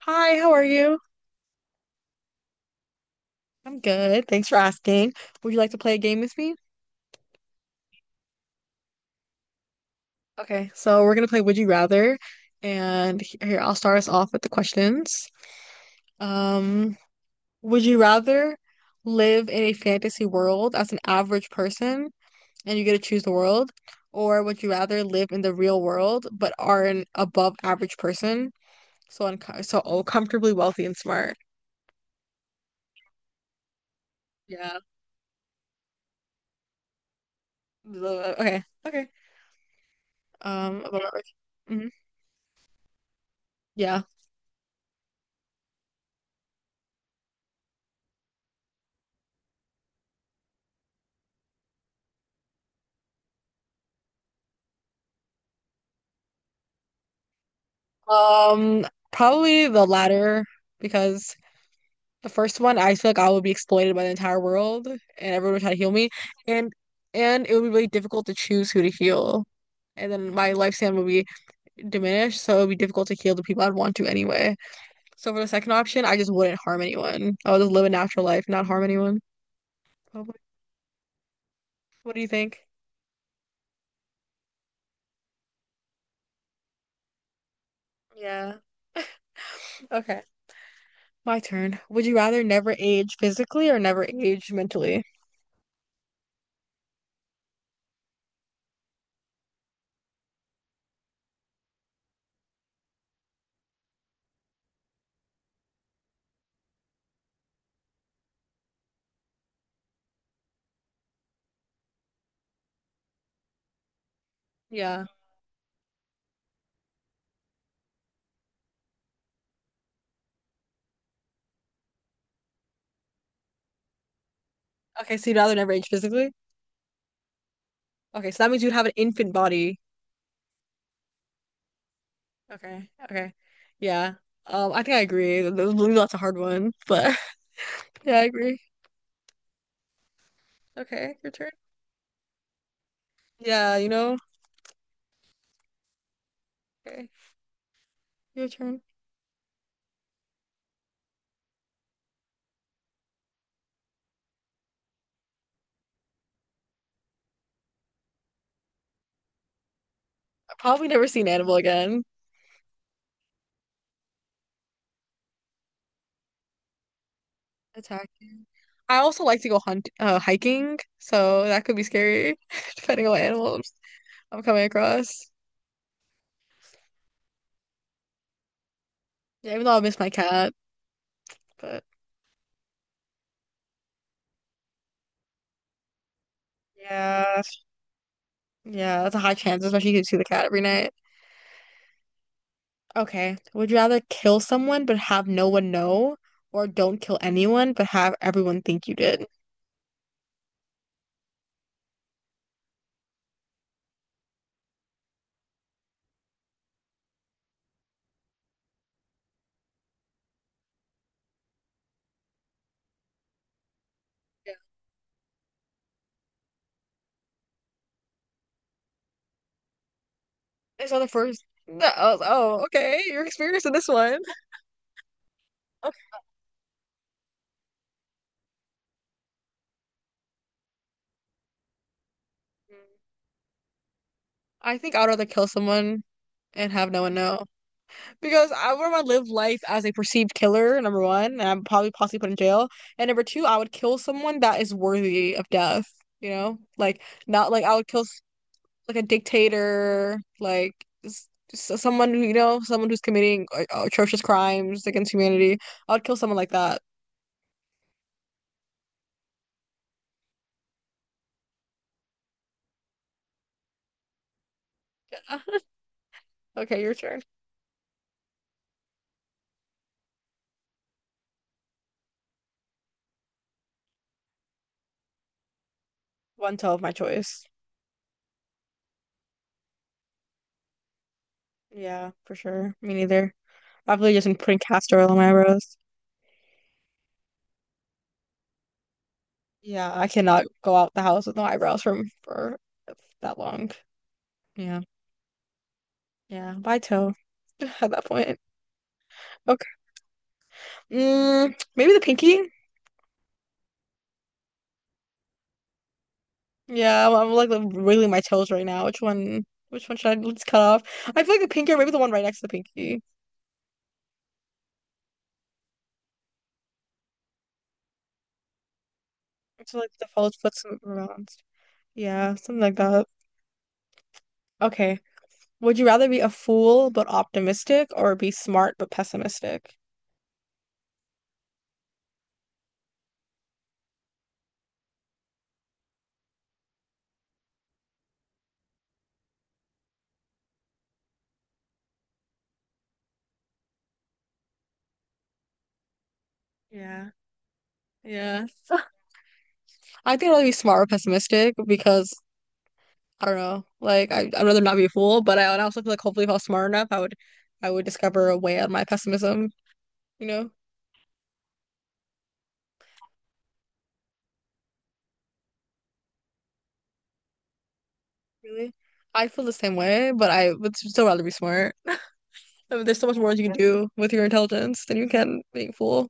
Hi, how are you? I'm good. Thanks for asking. Would you like to play a game with me? Okay, so we're gonna play Would You Rather, and here I'll start us off with the questions. Um, would you rather live in a fantasy world as an average person and you get to choose the world, or would you rather live in the real world but are an above average person, so comfortably wealthy and smart? Yeah. Okay. Okay. Above average. Mhm. Yeah. Um, probably the latter because the first one I feel like I would be exploited by the entire world and everyone would try to heal me and and it would be really difficult to choose who to heal. And then my lifespan would be diminished, so it would be difficult to heal the people I'd want to anyway. So for the second option, I just wouldn't harm anyone. I would just live a natural life, not harm anyone. Probably. What do you think? Yeah. Okay. My turn. Would you rather never age physically or never age mentally? Yeah. Okay, so you'd rather never age physically? Okay, so that means you'd have an infant body. Okay, okay. Yeah. I think I agree. That's a hard one, but yeah, I agree. Okay, your turn. Yeah, you know. Okay, your turn. I probably never see an animal again. Attacking. I also like to go hunt hiking, so that could be scary depending on what animals I'm coming across. Yeah, even though I miss my cat, but yeah, yeah, that's a high chance, especially if you see the cat every night. Okay. Would you rather kill someone but have no one know, or don't kill anyone but have everyone think you did? I saw the first. That I was, oh, okay. You're experienced in this one. Okay. I think I'd rather kill someone and have no one know because I would want to live life as a perceived killer, number one, and I'm probably possibly put in jail. And number two, I would kill someone that is worthy of death. You know, like not like I would kill. Like a dictator, like s- someone who, you know, someone who's committing atrocious crimes against humanity. I would kill someone like that. Okay, your turn. One toe of my choice. Yeah, for sure. Me neither. I've really just been putting castor oil on my eyebrows. Yeah, I cannot go out the house with no eyebrows from for that long. Yeah, yeah. Bye toe. At that point. Okay. Maybe the pinky. Yeah, I'm like wiggling my toes right now. Which one? Which one should I just cut off? I feel like the pinky, or maybe the one right next to the pinky. It's like the false flips around. Yeah, something like that. Okay. Would you rather be a fool but optimistic, or be smart but pessimistic? Yeah. Yeah. I think I'd rather be smart or pessimistic because I don't know. Like I'd rather not be a fool, but I also feel like hopefully if I was smart enough, I would discover a way out of my pessimism. You know, really, I feel the same way, but I would still rather be smart. I mean, there's so much more you can do with your intelligence than you can being a fool.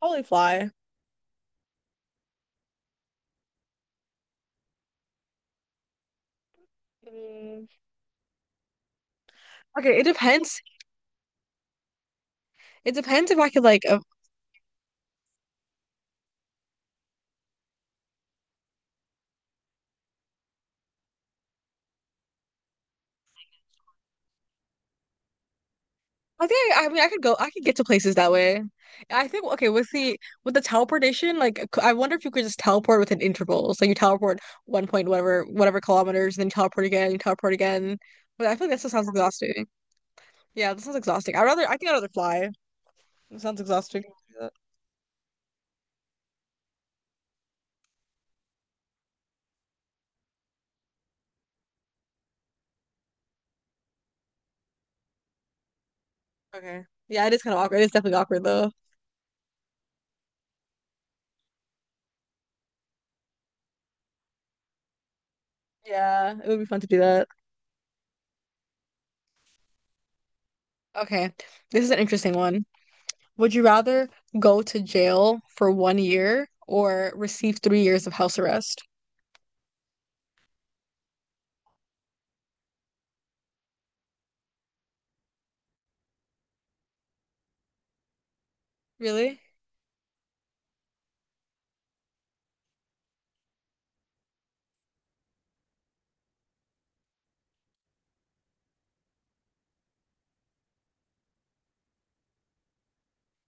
Probably fly. Mm, Okay, it depends. It depends if I could like. I think I mean I could go. I could get to places that way. I think okay with the teleportation. Like I wonder if you could just teleport within intervals. Like you teleport one point whatever kilometers, then teleport again, you teleport again. But I feel like that still sounds exhausting. Yeah, that sounds exhausting. I'd rather. I think I'd rather fly. It sounds exhausting. To Okay. Yeah, it is kind of awkward. It is definitely awkward though. Yeah, it would be fun to do that. Okay, this is an interesting one. Would you rather go to jail for one year or receive 3 years of house arrest? Really?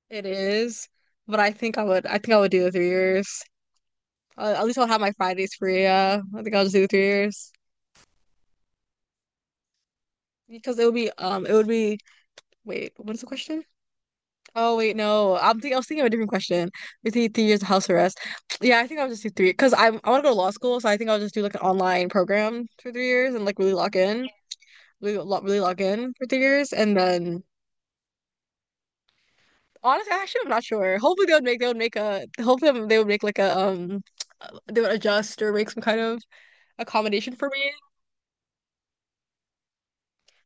It is. But I think I would do the 3 years. At least I'll have my Fridays free. Yeah, I think I'll just do the 3 years because it would be wait, what is the question? Oh, wait, no, I was thinking of a different question. We see 3 years of house arrest. Yeah, I think I'll just do three because I want to go to law school, so I think I'll just do like an online program for 3 years and like really lock in. Really lock in for 3 years, and then honestly, actually, I'm not sure. Hopefully, they would make a hopefully they would make like a they would adjust or make some kind of accommodation for me.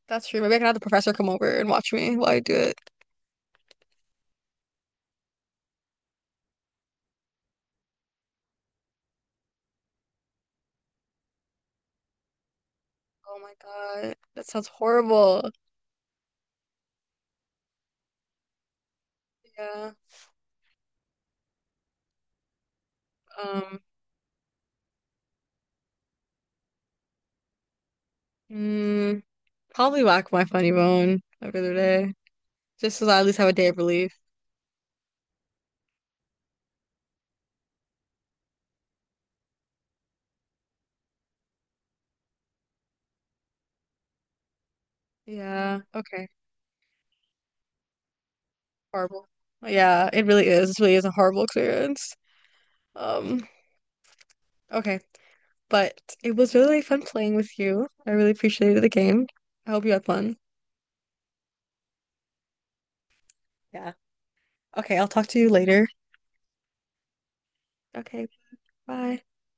That's true. Maybe I can have the professor come over and watch me while I do it. Oh my God, that sounds horrible. Yeah. Um. mm, probably whack my funny bone every other day, just so that I at least have a day of relief. Yeah. Okay. Horrible. Yeah, it really is. It really is a horrible experience. Um. Okay. But it was really fun playing with you. I really appreciated the game. I hope you had fun. Yeah. Okay, I'll talk to you later. Okay, bye.